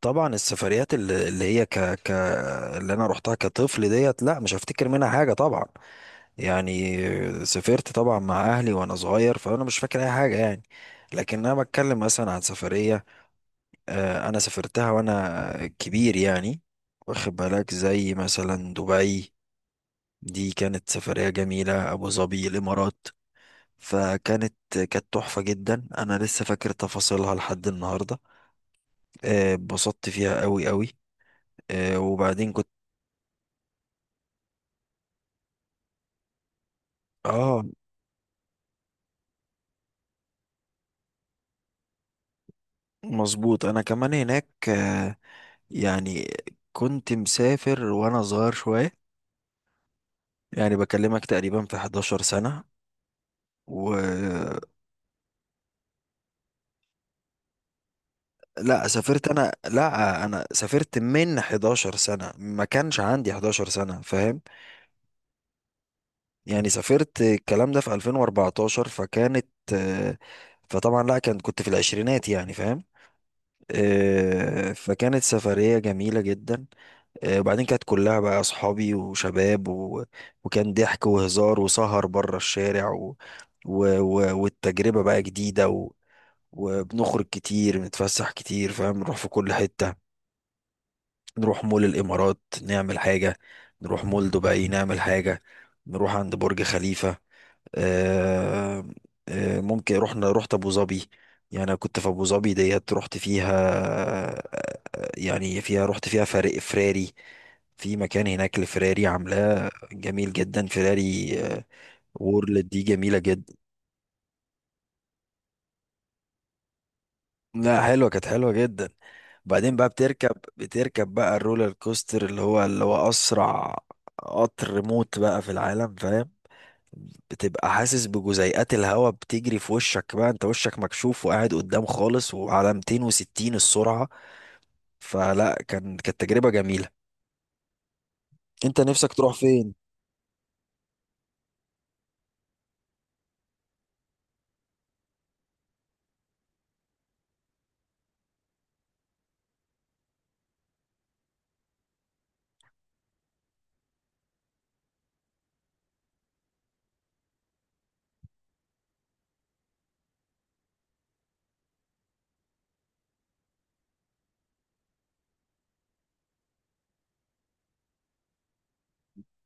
طبعا السفريات اللي هي اللي انا روحتها كطفل ديت، لا مش هفتكر منها حاجه طبعا، يعني. سافرت طبعا مع اهلي وانا صغير، فانا مش فاكر اي حاجه يعني. لكن انا بتكلم مثلا عن سفريه. انا سافرتها وانا كبير يعني. واخد بالك؟ زي مثلا دبي. دي كانت سفريه جميله، ابو ظبي، الامارات. فكانت تحفه جدا، انا لسه فاكر تفاصيلها لحد النهارده. اتبسطت فيها قوي قوي. وبعدين كنت. اه، مظبوط، انا كمان هناك. يعني كنت مسافر وانا صغير شوية، يعني بكلمك تقريبا في 11 سنة و. لا، سافرت انا، لا، انا سافرت من 11 سنة، ما كانش عندي 11 سنة فاهم. يعني سافرت الكلام ده في 2014 فكانت. آه، فطبعا، لا كان كنت في العشرينات يعني فاهم. فكانت سفرية جميلة جدا. وبعدين كانت كلها بقى أصحابي وشباب وكان ضحك وهزار وسهر بره الشارع، و... والتجربة بقى جديدة، وبنخرج كتير، بنتفسح كتير فاهم، نروح في كل حتة. نروح مول الإمارات نعمل حاجة، نروح مول دبي نعمل حاجة، نروح عند برج خليفة. آه، ممكن رحنا، رحت ابو ظبي، يعني أنا كنت في ابو ظبي ديت رحت فيها. يعني فيها، رحت فيها فريق فراري، في مكان هناك لفراري عاملاه جميل جدا، فراري وورلد. دي جميلة جدا. لا، حلوة، كانت حلوة جدا. بعدين بقى بتركب، بتركب بقى الرولر كوستر اللي هو اسرع قطر موت بقى في العالم فاهم. بتبقى حاسس بجزيئات الهواء بتجري في وشك بقى، انت وشك مكشوف وقاعد قدام خالص وعلى 260 السرعة. فلا، كانت تجربة جميلة. انت نفسك تروح فين؟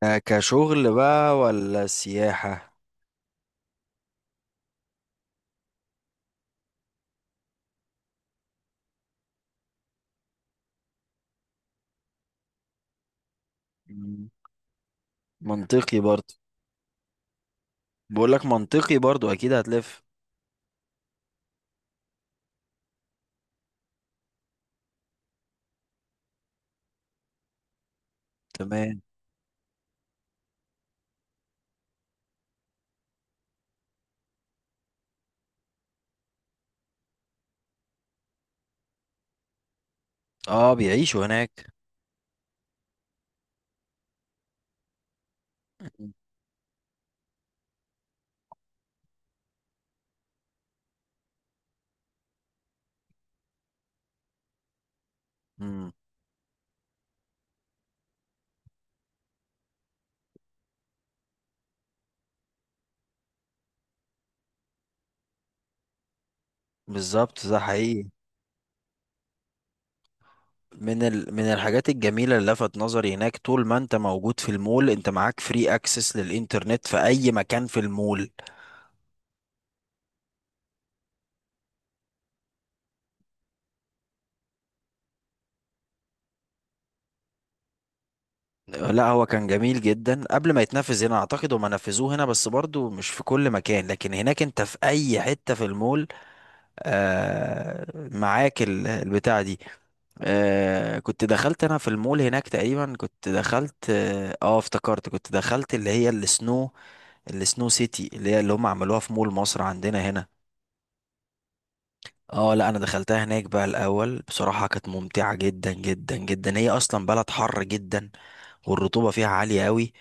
كشغل بقى ولا سياحة؟ مم. منطقي برضو. بقولك منطقي برضو، اكيد هتلف. تمام. اه، بيعيشوا هناك. مم. بالظبط، ده حقيقي. من الحاجات الجميلة اللي لفت نظري هناك، طول ما انت موجود في المول انت معاك فري اكسس للانترنت في اي مكان في المول. لا، هو كان جميل جدا قبل ما يتنفذ هنا، اعتقد هما نفذوه هنا بس برضو مش في كل مكان، لكن هناك انت في اي حتة في المول معاك البتاع دي. كنت دخلت انا في المول هناك تقريبا، كنت دخلت افتكرت كنت دخلت اللي هي السنو سيتي اللي هي اللي هم عملوها في مول مصر عندنا هنا. اه، لا انا دخلتها هناك بقى الاول، بصراحه كانت ممتعه جدا جدا جدا، هي اصلا بلد حر جدا والرطوبه فيها عاليه قوي.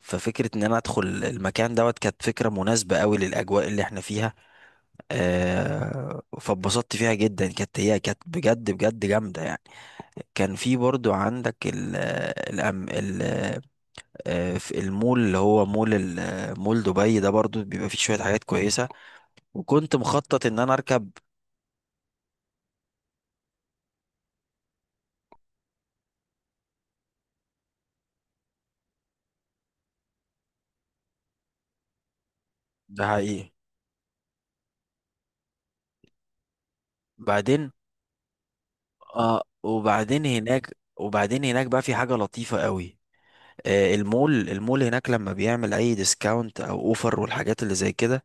ففكره ان انا ادخل المكان دوت كانت فكره مناسبه قوي للاجواء اللي احنا فيها. فاتبسطت فيها جدا، كانت، هي كانت بجد بجد جامده يعني. كان في برضو عندك ال الأم ال آه، في المول اللي هو مول دبي ده برضو بيبقى فيه شويه حاجات كويسه. وكنت مخطط ان انا اركب. ده حقيقي. بعدين اه، وبعدين هناك بقى في حاجة لطيفة قوي. المول هناك لما بيعمل اي ديسكاونت او اوفر والحاجات اللي زي كده،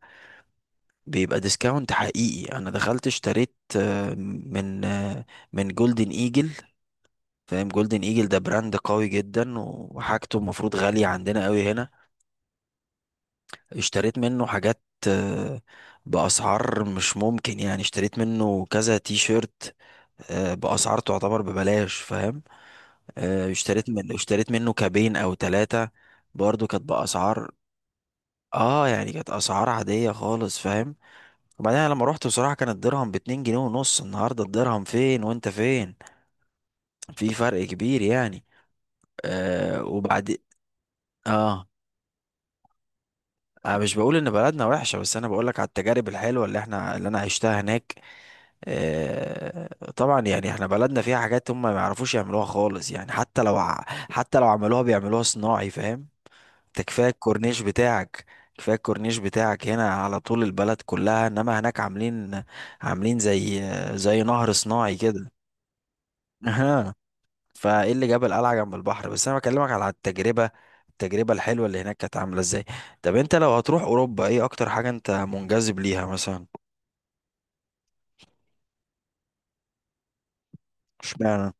بيبقى ديسكاونت حقيقي. انا دخلت اشتريت، من آه، من جولدن ايجل. فاهم، جولدن ايجل ده براند قوي جدا وحاجته المفروض غالية عندنا قوي هنا. اشتريت منه حاجات آه، بأسعار مش ممكن، يعني اشتريت منه كذا تي شيرت بأسعار تعتبر ببلاش فاهم. اشتريت منه كابين او ثلاثة، برضو كانت بأسعار، اه يعني كانت اسعار عادية خالص فاهم. وبعدين أنا لما روحت بصراحة كان الدرهم باتنين جنيه ونص، النهاردة الدرهم فين وانت فين، في فرق كبير يعني. آه وبعد اه انا مش بقول ان بلدنا وحشة، بس انا بقولك على التجارب الحلوة اللي انا عشتها هناك. طبعا يعني احنا بلدنا فيها حاجات هم ما يعرفوش يعملوها خالص يعني، حتى لو حتى لو عملوها بيعملوها صناعي فاهم. ده كفايه الكورنيش بتاعك. كفايه الكورنيش بتاعك هنا على طول البلد كلها، انما هناك عاملين، عاملين زي نهر صناعي كده. اها. فايه اللي جاب القلعه جنب البحر، بس انا بكلمك على التجربه الحلوه اللي هناك كانت عامله ازاي. طب انت لو هتروح اوروبا، ايه اكتر حاجه انت منجذب ليها مثلا؟ اشمعنى؟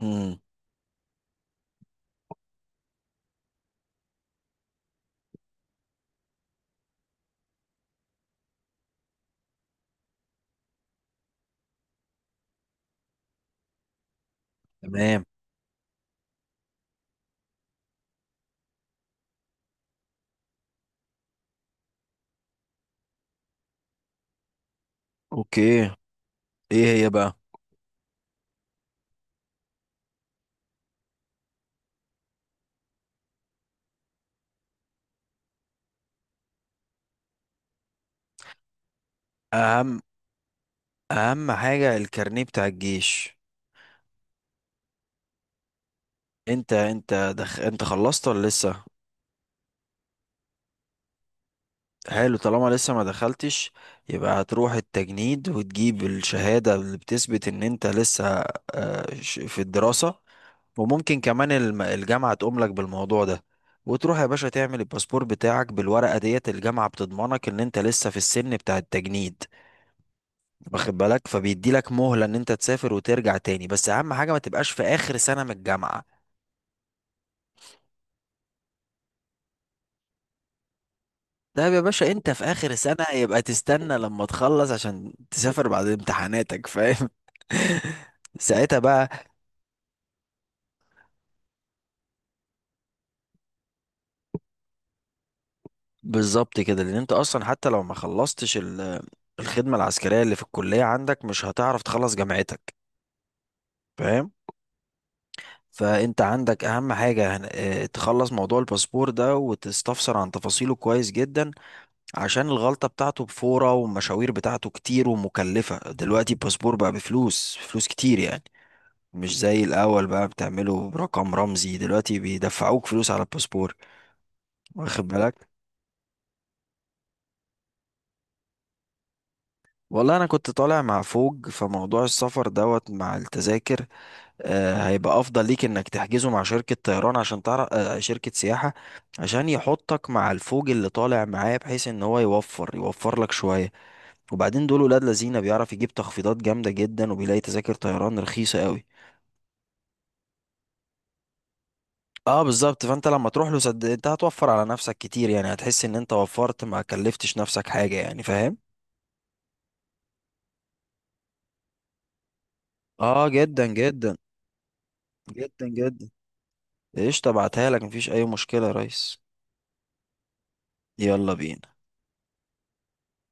امم. تمام. اوكي، ايه هي بقى؟ اهم اهم حاجه الكارنيه بتاع الجيش. انت خلصت ولا لسه؟ حلو، طالما لسه ما دخلتش، يبقى هتروح التجنيد وتجيب الشهادة اللي بتثبت ان انت لسه في الدراسة. وممكن كمان الجامعة تقوم لك بالموضوع ده، وتروح يا باشا تعمل الباسبور بتاعك بالورقة ديت، الجامعة بتضمنك ان انت لسه في السن بتاع التجنيد، واخد بالك؟ فبيدي لك مهلة ان انت تسافر وترجع تاني، بس اهم حاجة ما تبقاش في اخر سنة من الجامعة. ده يا باشا انت في اخر سنة، يبقى تستنى لما تخلص عشان تسافر بعد امتحاناتك فاهم. ساعتها بقى. بالظبط كده، لان انت اصلا حتى لو ما خلصتش الخدمة العسكرية اللي في الكلية عندك، مش هتعرف تخلص جامعتك فاهم. فانت عندك اهم حاجة تخلص موضوع الباسبور ده وتستفسر عن تفاصيله كويس جدا، عشان الغلطة بتاعته بفورة والمشاوير بتاعته كتير ومكلفة، دلوقتي الباسبور بقى بفلوس، فلوس كتير يعني، مش زي الأول بقى بتعمله برقم رمزي، دلوقتي بيدفعوك فلوس على الباسبور، واخد بالك؟ والله أنا كنت طالع مع فوج، فموضوع السفر دوت مع التذاكر هيبقى أفضل ليك إنك تحجزه مع شركة طيران، عشان تعرف شركة سياحة عشان يحطك مع الفوج اللي طالع معاه، بحيث إن هو يوفر لك شوية. وبعدين دول ولاد لذينة، بيعرف يجيب تخفيضات جامدة جدا وبيلاقي تذاكر طيران رخيصة قوي. اه بالظبط، فانت لما تروح له صدق، انت هتوفر على نفسك كتير يعني، هتحس ان انت وفرت، ما كلفتش نفسك حاجة يعني فاهم. اه جدا جدا. جدا جدا. ايش تبعتها لك، مفيش اي مشكلة يا ريس. يلا بينا.